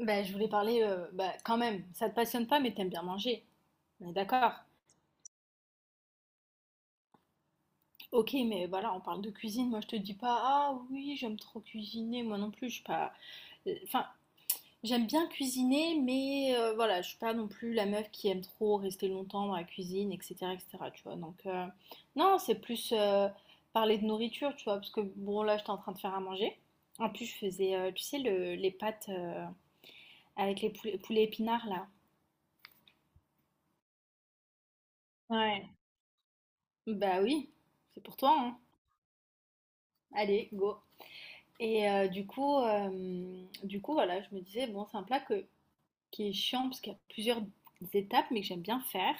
Bah, je voulais parler, bah, quand même, ça te passionne pas, mais t'aimes bien manger. On est d'accord. Ok, mais voilà, on parle de cuisine. Moi, je te dis pas, ah oui, j'aime trop cuisiner. Moi non plus, je suis pas. Enfin, j'aime bien cuisiner, mais voilà, je suis pas non plus la meuf qui aime trop rester longtemps dans la cuisine, etc., etc. Tu vois. Donc, non, c'est plus parler de nourriture, tu vois, parce que bon, là, j'étais en train de faire à manger. En plus, je faisais, tu sais, les pâtes avec les poulets, poulets épinards là. Ouais. Bah oui, c'est pour toi, hein. Allez, go. Et du coup, voilà, je me disais, bon, c'est un plat qui est chiant parce qu'il y a plusieurs étapes, mais que j'aime bien faire.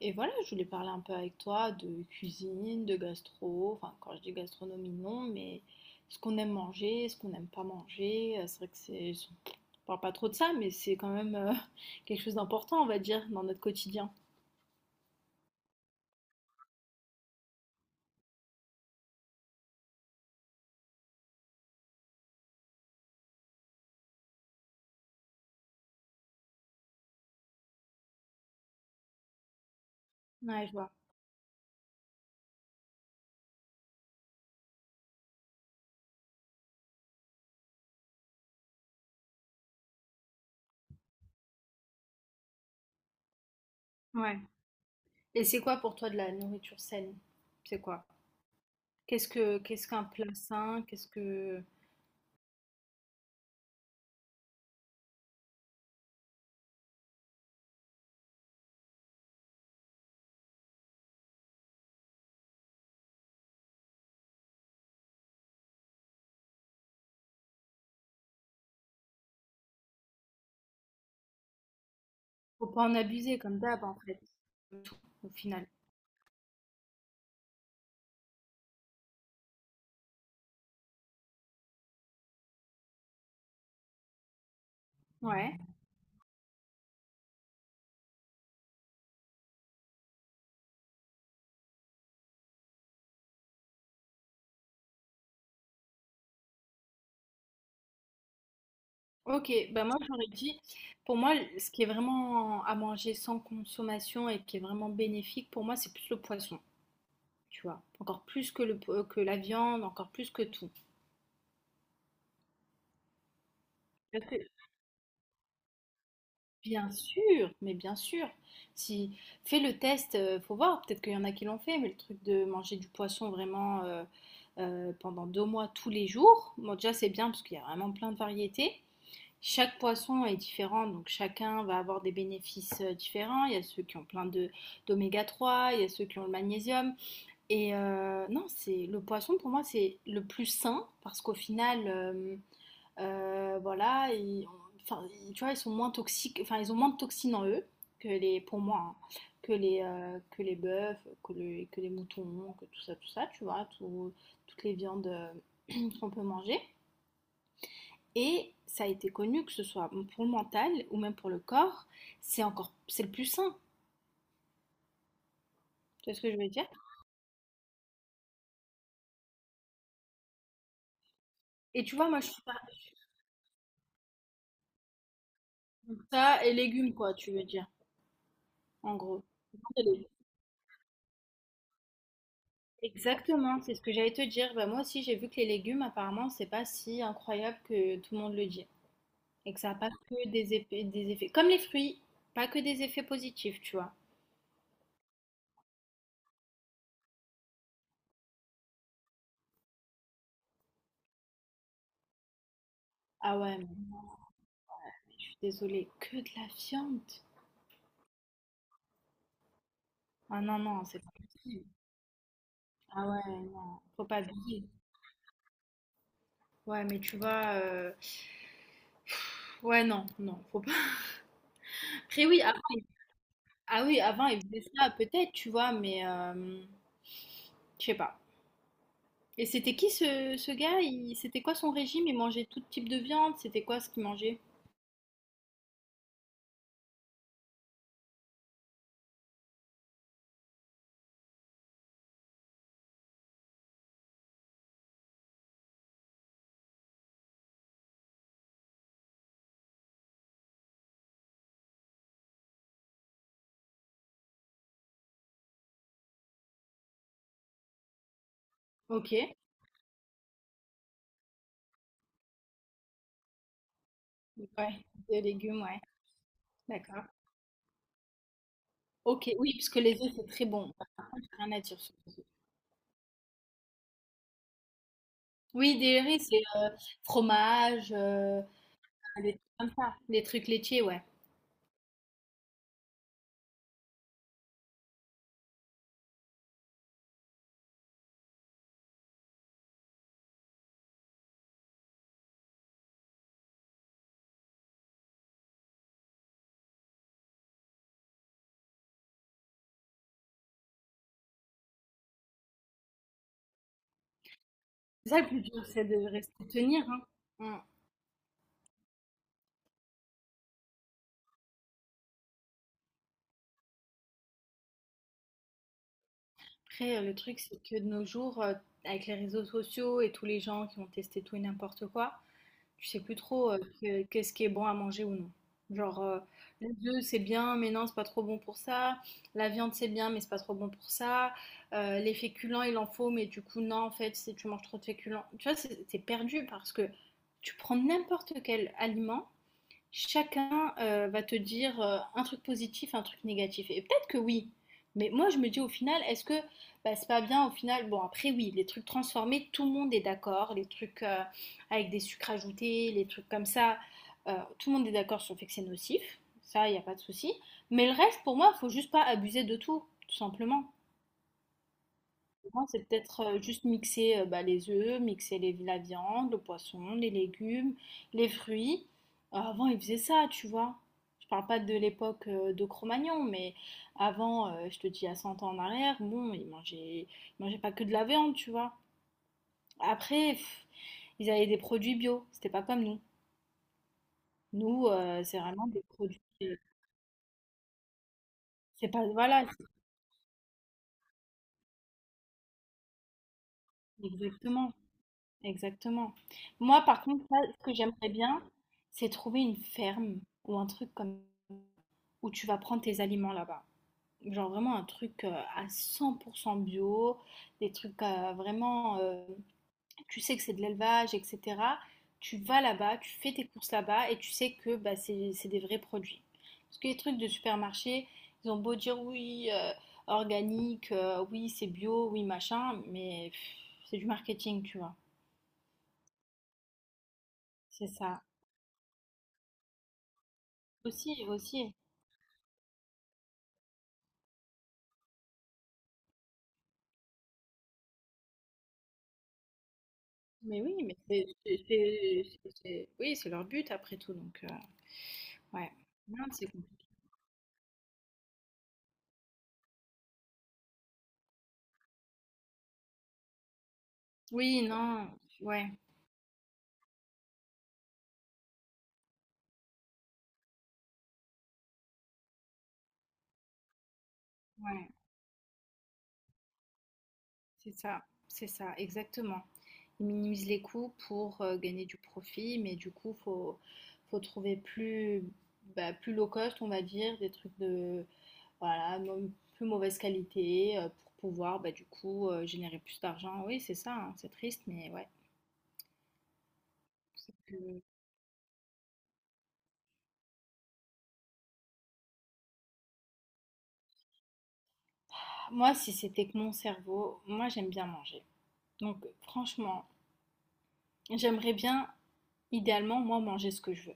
Et voilà, je voulais parler un peu avec toi de cuisine, de gastro. Enfin, quand je dis gastronomie, non, mais ce qu'on aime manger, ce qu'on n'aime pas manger. C'est vrai que on parle pas trop de ça, mais c'est quand même quelque chose d'important, on va dire, dans notre quotidien. Ouais, je vois. Ouais. Et c'est quoi pour toi de la nourriture saine? C'est quoi? Qu'est-ce qu'un plat sain? Qu'est-ce que faut pas en abuser comme d'hab en fait. Tout au final. Ouais. OK, bah moi j'aurais dit pour moi ce qui est vraiment à manger sans consommation et qui est vraiment bénéfique pour moi c'est plus le poisson, tu vois. Encore plus que le que la viande, encore plus que tout. Bien sûr, mais bien sûr. Si fais le test, faut voir. Peut-être qu'il y en a qui l'ont fait, mais le truc de manger du poisson vraiment pendant 2 mois tous les jours, bon, déjà c'est bien parce qu'il y a vraiment plein de variétés. Chaque poisson est différent, donc chacun va avoir des bénéfices différents. Il y a ceux qui ont plein de d'oméga 3, il y a ceux qui ont le magnésium. Et non, c'est le poisson pour moi c'est le plus sain parce qu'au final voilà, et enfin, tu vois, ils sont moins toxiques, enfin, ils ont moins de toxines en eux que les, pour moi, hein, que les bœufs, que les moutons, que tout ça, tu vois, toutes les viandes qu'on peut manger. Et ça a été connu que ce soit pour le mental ou même pour le corps, c'est encore, c'est le plus sain. Tu vois ce que je veux dire? Et tu vois, moi, je suis pas ça et légumes, quoi, tu veux dire, en gros. Exactement, c'est ce que j'allais te dire. Bah, moi aussi, j'ai vu que les légumes, apparemment, c'est pas si incroyable que tout le monde le dit. Et que ça n'a pas que des effets, des effets. Comme les fruits, pas que des effets positifs, tu vois. Ah ouais, mais je suis désolée, que de la viande. Ah non, non, c'est pas possible. Ah ouais, non, faut pas oublier. Ouais, mais tu vois, ouais, non, non, faut pas. Après, oui, avant, ah oui, avant, il faisait ça, peut-être, tu vois, mais je sais pas. Et c'était qui ce, ce gars? C'était quoi son régime? Il mangeait tout type de viande? C'était quoi ce qu'il mangeait? OK. Ouais, des légumes, ouais, d'accord. OK, oui, parce que les œufs, c'est très bon, parce qu'il rien à dire sur les œufs. Oui, des riz, c'est fromage, des trucs comme ça, des trucs laitiers, ouais. C'est ça le plus dur, c'est de rester tenir, hein. Mm. Après, le truc, c'est que de nos jours, avec les réseaux sociaux et tous les gens qui ont testé tout et n'importe quoi, tu sais plus trop qu'est-ce qui est bon à manger ou non. Genre, les œufs, c'est bien, mais non, c'est pas trop bon pour ça. La viande, c'est bien, mais c'est pas trop bon pour ça. Les féculents, il en faut, mais du coup, non, en fait, si tu manges trop de féculents. Tu vois, c'est perdu parce que tu prends n'importe quel aliment chacun va te dire un truc positif, un truc négatif. Et peut-être que oui, mais moi je me dis au final, est-ce que bah, c'est pas bien au final. Bon, après oui, les trucs transformés, tout le monde est d'accord, les trucs avec des sucres ajoutés, les trucs comme ça, euh, tout le monde est d'accord sur le fait que c'est nocif, ça, il n'y a pas de souci. Mais le reste, pour moi, il faut juste pas abuser de tout, tout simplement. Moi, c'est peut-être juste mixer bah, les œufs, mixer la viande, le poisson, les légumes, les fruits. Avant, ils faisaient ça, tu vois. Je parle pas de l'époque de Cro-Magnon, mais avant, je te dis à 100 ans en arrière, bon, ils mangeaient pas que de la viande, tu vois. Après, pff, ils avaient des produits bio, c'était pas comme nous. Nous, c'est vraiment des produits. C'est pas, voilà, c'est- exactement. Exactement. Moi, par contre, là, ce que j'aimerais bien, c'est trouver une ferme ou un truc comme où tu vas prendre tes aliments là-bas. Genre vraiment un truc à 100% bio, des trucs vraiment, tu sais que c'est de l'élevage, etc. Tu vas là-bas, tu fais tes courses là-bas et tu sais que bah, c'est des vrais produits. Parce que les trucs de supermarché, ils ont beau dire oui, organique, oui, c'est bio, oui, machin, mais pff, c'est du marketing, tu vois. C'est ça. Aussi, aussi. Mais oui, mais c'est oui, c'est leur but après tout donc ouais. Non, c'est compliqué. Oui, non, ouais, ouais, c'est ça, exactement. Ils minimisent les coûts pour, gagner du profit, mais du coup, faut trouver plus, bah, plus low cost, on va dire, des trucs de voilà, mo plus mauvaise qualité, pour pouvoir, bah, du coup, générer plus d'argent. Oui, c'est ça, hein, c'est triste mais ouais. Moi, si c'était que mon cerveau, moi j'aime bien manger. Donc franchement, j'aimerais bien, idéalement, moi manger ce que je veux.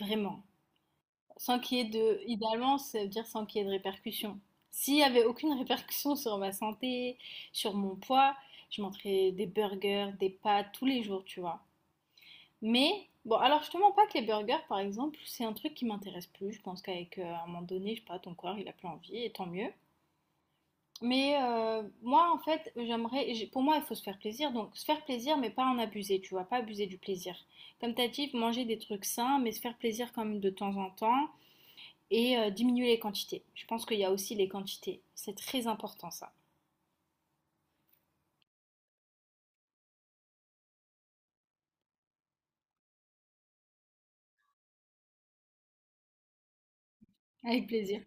Vraiment. Sans qu'il y ait de... Idéalement, ça veut dire sans qu'il y ait de répercussions. S'il n'y avait aucune répercussion sur ma santé, sur mon poids, je mangerais des burgers, des pâtes tous les jours, tu vois. Mais, bon, alors je te mens pas que les burgers, par exemple, c'est un truc qui m'intéresse plus. Je pense qu'avec, à un moment donné, je sais pas, ton corps, il a plus envie, et tant mieux. Mais moi, en fait, pour moi, il faut se faire plaisir. Donc, se faire plaisir, mais pas en abuser, tu vois, pas abuser du plaisir. Comme t'as dit, manger des trucs sains, mais se faire plaisir quand même de temps en temps et diminuer les quantités. Je pense qu'il y a aussi les quantités. C'est très important, ça. Avec plaisir.